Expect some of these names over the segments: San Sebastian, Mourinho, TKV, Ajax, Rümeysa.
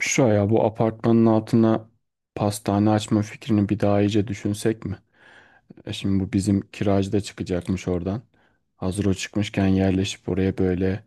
Şu ya bu apartmanın altına pastane açma fikrini bir daha iyice düşünsek mi? Şimdi bu bizim kiracı da çıkacakmış oradan. Hazır o çıkmışken yerleşip oraya böyle,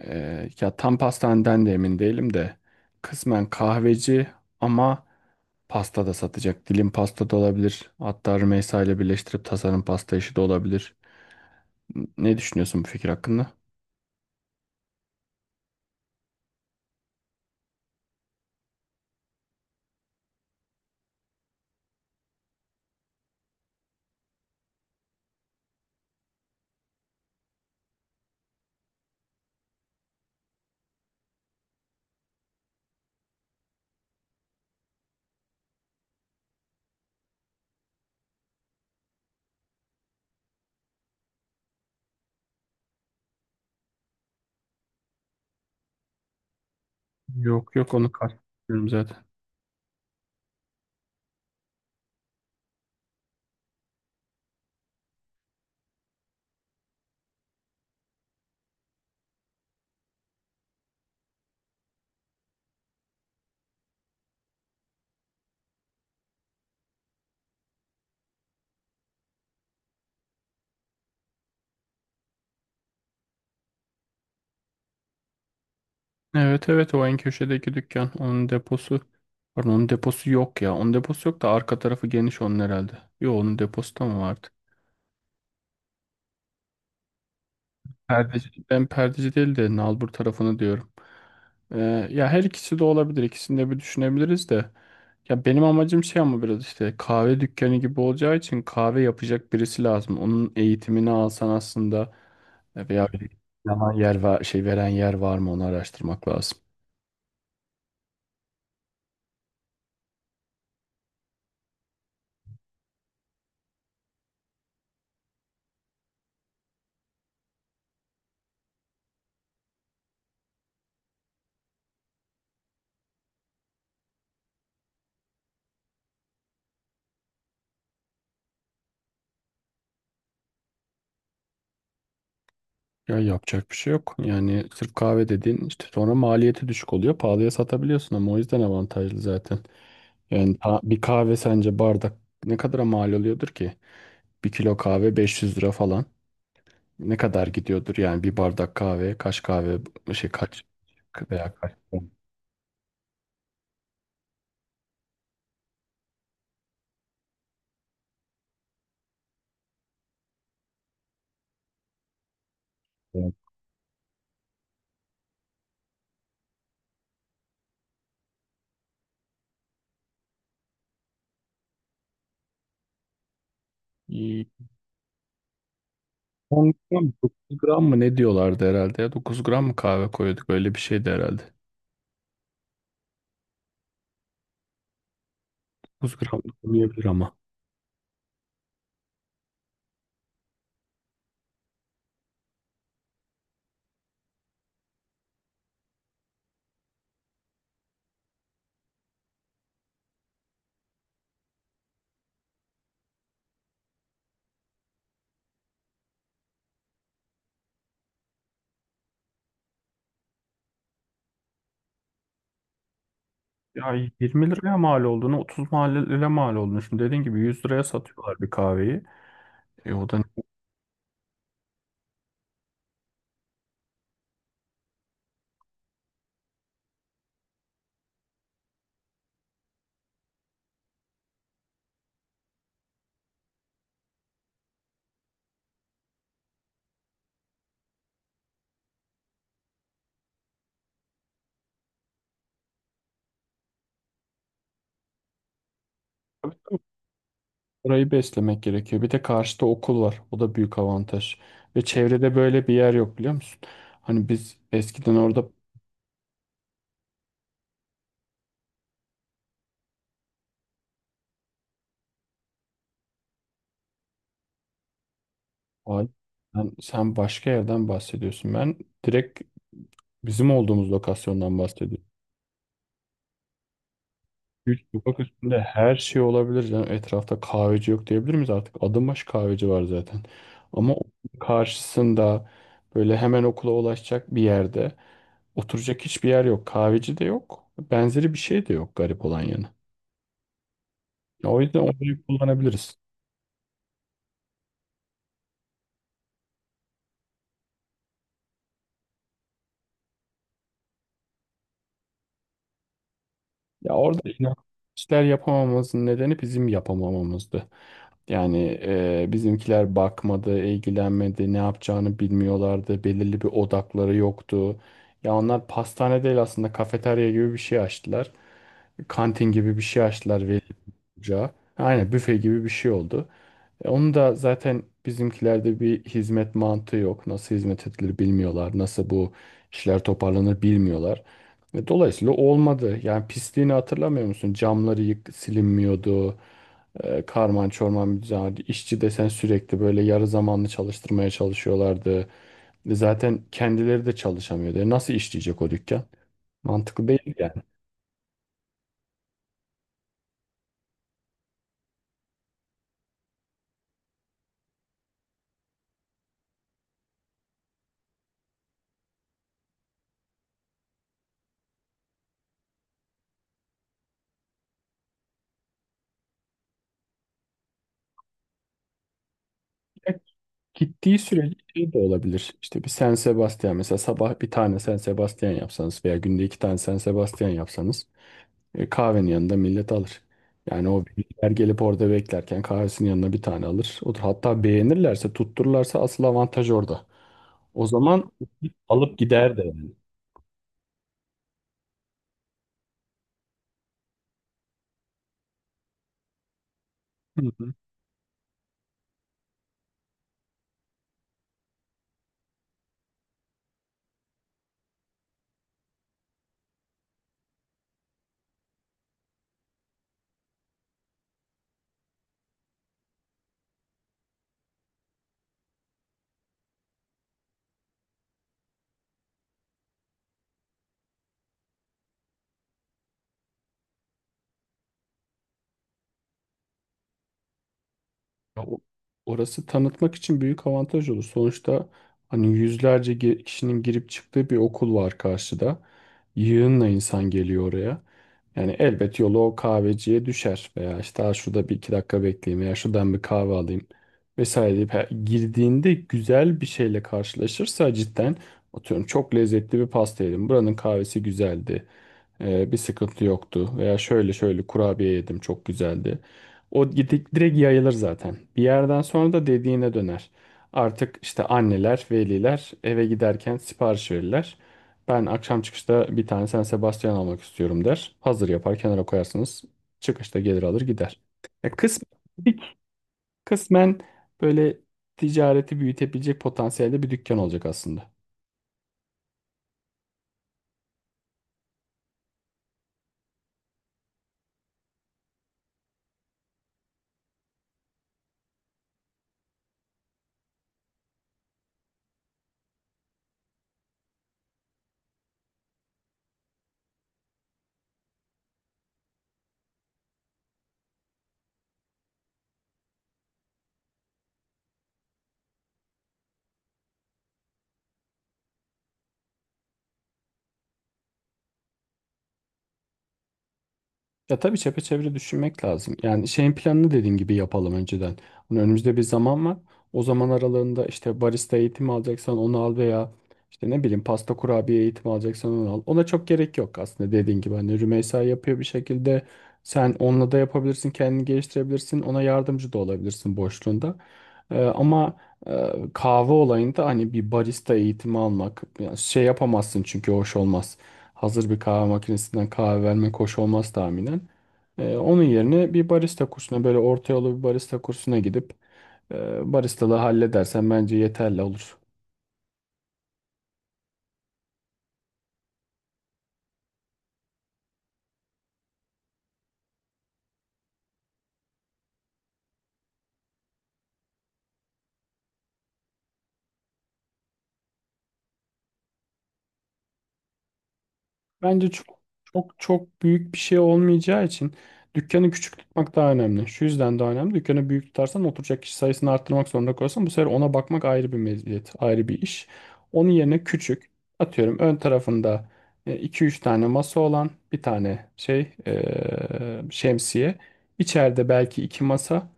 ya tam pastaneden de emin değilim de kısmen kahveci ama pasta da satacak. Dilim pasta da olabilir. Hatta Rümeysa ile birleştirip tasarım pasta işi de olabilir. Ne düşünüyorsun bu fikir hakkında? Yok yok, onu kastetmiyorum zaten. Evet evet, o en köşedeki dükkan. Onun deposu. Pardon, onun deposu yok ya. Onun deposu yok da arka tarafı geniş onun herhalde. Yo, onun deposu da mı vardı? Perdeci. Ben perdeci değil de nalbur tarafını diyorum. Ee, ya her ikisi de olabilir. İkisini de bir düşünebiliriz de. Ya benim amacım şey, ama biraz işte kahve dükkanı gibi olacağı için kahve yapacak birisi lazım. Onun eğitimini alsan aslında, veya bir zaman yer var, şey veren yer var mı onu araştırmak lazım. Ya yapacak bir şey yok. Yani sırf kahve dediğin işte sonra maliyeti düşük oluyor. Pahalıya satabiliyorsun ama, o yüzden avantajlı zaten. Yani bir kahve sence bardak ne kadara mal oluyordur ki? Bir kilo kahve 500 lira falan. Ne kadar gidiyordur yani bir bardak kahve, kaç kahve, şey kaç veya kaç. İyi. 10 gram 9 gram mı ne diyorlardı herhalde, ya 9 gram mı kahve koyduk, öyle bir şeydi herhalde. 9 gram da olmayabilir ama. Ya 20 liraya mal olduğunu, 30 liraya mal olduğunu. Şimdi dediğin gibi 100 liraya satıyorlar bir kahveyi. E o da Orayı beslemek gerekiyor. Bir de karşıda okul var. O da büyük avantaj. Ve çevrede böyle bir yer yok, biliyor musun? Hani biz eskiden orada. Ay, sen başka yerden bahsediyorsun. Ben direkt bizim olduğumuz lokasyondan bahsediyorum. Üç sokak üstünde her şey olabilir. Yani etrafta kahveci yok diyebilir miyiz artık? Adım başı kahveci var zaten. Ama okulun karşısında, böyle hemen okula ulaşacak bir yerde oturacak hiçbir yer yok. Kahveci de yok. Benzeri bir şey de yok, garip olan yanı. Ya o yüzden orayı kullanabiliriz. Ya orada işler yapamamamızın nedeni bizim yapamamamızdı. Yani bizimkiler bakmadı, ilgilenmedi, ne yapacağını bilmiyorlardı, belirli bir odakları yoktu. Ya onlar pastane değil, aslında kafeterya gibi bir şey açtılar. Kantin gibi bir şey açtılar ca. Aynen büfe gibi bir şey oldu. Onu da zaten, bizimkilerde bir hizmet mantığı yok. Nasıl hizmet edilir bilmiyorlar. Nasıl bu işler toparlanır bilmiyorlar. Dolayısıyla olmadı. Yani pisliğini hatırlamıyor musun? Camları yık silinmiyordu. Karman çorman bir düzen. İşçi desen sürekli böyle yarı zamanlı çalıştırmaya çalışıyorlardı. Zaten kendileri de çalışamıyordu. Nasıl işleyecek o dükkan? Mantıklı değil yani. Gittiği sürece şey de olabilir. İşte bir San Sebastian mesela, sabah bir tane San Sebastian yapsanız veya günde iki tane San Sebastian yapsanız, kahvenin yanında millet alır. Yani o birlikler gelip orada beklerken kahvesinin yanına bir tane alır. Otur. Hatta beğenirlerse, tuttururlarsa asıl avantaj orada. O zaman alıp gider de yani. Ya orası tanıtmak için büyük avantaj olur. Sonuçta hani yüzlerce kişinin girip çıktığı bir okul var karşıda. Yığınla insan geliyor oraya. Yani elbet yolu o kahveciye düşer veya işte, "Aa, şurada bir iki dakika bekleyeyim veya şuradan bir kahve alayım vesaire" deyip girdiğinde güzel bir şeyle karşılaşırsa, cidden atıyorum, çok lezzetli bir pasta yedim. Buranın kahvesi güzeldi. Bir sıkıntı yoktu veya şöyle şöyle kurabiye yedim, çok güzeldi. O gidip direkt yayılır zaten. Bir yerden sonra da dediğine döner. Artık işte anneler, veliler eve giderken sipariş verirler. Ben akşam çıkışta bir tane San Sebastian almak istiyorum der. Hazır yapar, kenara koyarsınız. Çıkışta gelir alır gider. Ya kısmen, kısmen böyle ticareti büyütebilecek potansiyelde bir dükkan olacak aslında. Ya tabii çepeçevre düşünmek lazım. Yani şeyin planını dediğin gibi yapalım önceden. Hani önümüzde bir zaman var. O zaman aralığında işte barista eğitimi alacaksan onu al, veya işte ne bileyim pasta kurabiye eğitimi alacaksan onu al. Ona çok gerek yok aslında dediğin gibi. Hani Rümeysa yapıyor bir şekilde. Sen onunla da yapabilirsin, kendini geliştirebilirsin. Ona yardımcı da olabilirsin boşluğunda. Ama e, kahve olayında hani bir barista eğitimi almak, yani şey yapamazsın çünkü hoş olmaz, hazır bir kahve makinesinden kahve vermek hoş olmaz tahminen. Onun yerine bir barista kursuna, böyle orta yolu bir barista kursuna gidip baristalığı halledersen bence yeterli olur. Bence çok çok çok büyük bir şey olmayacağı için dükkanı küçük tutmak daha önemli. Şu yüzden daha önemli. Dükkanı büyük tutarsan, oturacak kişi sayısını arttırmak zorunda kalırsan, bu sefer ona bakmak ayrı bir meziyet, ayrı bir iş. Onun yerine küçük, atıyorum ön tarafında iki üç tane masa olan bir tane şey, şemsiye. İçeride belki iki masa,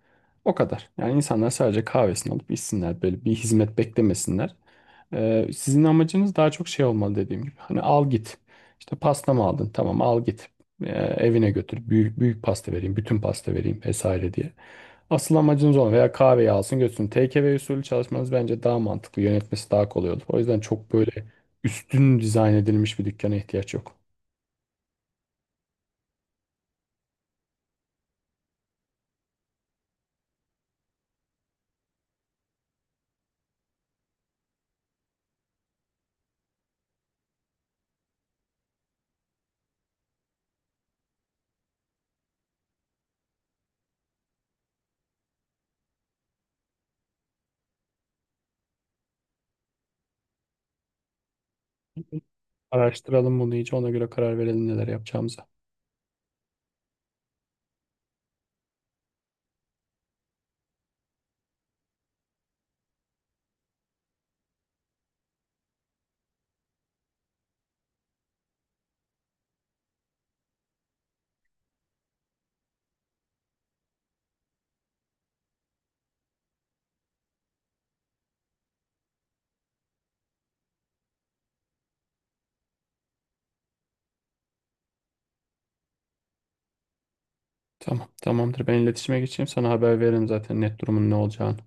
o kadar. Yani insanlar sadece kahvesini alıp içsinler, böyle bir hizmet beklemesinler. Sizin amacınız daha çok şey olmalı dediğim gibi. Hani al git. İşte pasta mı aldın? Tamam, al git. Ee, evine götür. Büyük, büyük pasta vereyim. Bütün pasta vereyim vesaire diye. Asıl amacınız olan, veya kahveyi alsın götürsün. TKV usulü çalışmanız bence daha mantıklı. Yönetmesi daha kolay olur. O yüzden çok böyle üstün dizayn edilmiş bir dükkana ihtiyaç yok. Araştıralım bunu iyice, ona göre karar verelim neler yapacağımıza. Tamam, tamamdır. Ben iletişime geçeyim. Sana haber veririm zaten net durumun ne olacağını.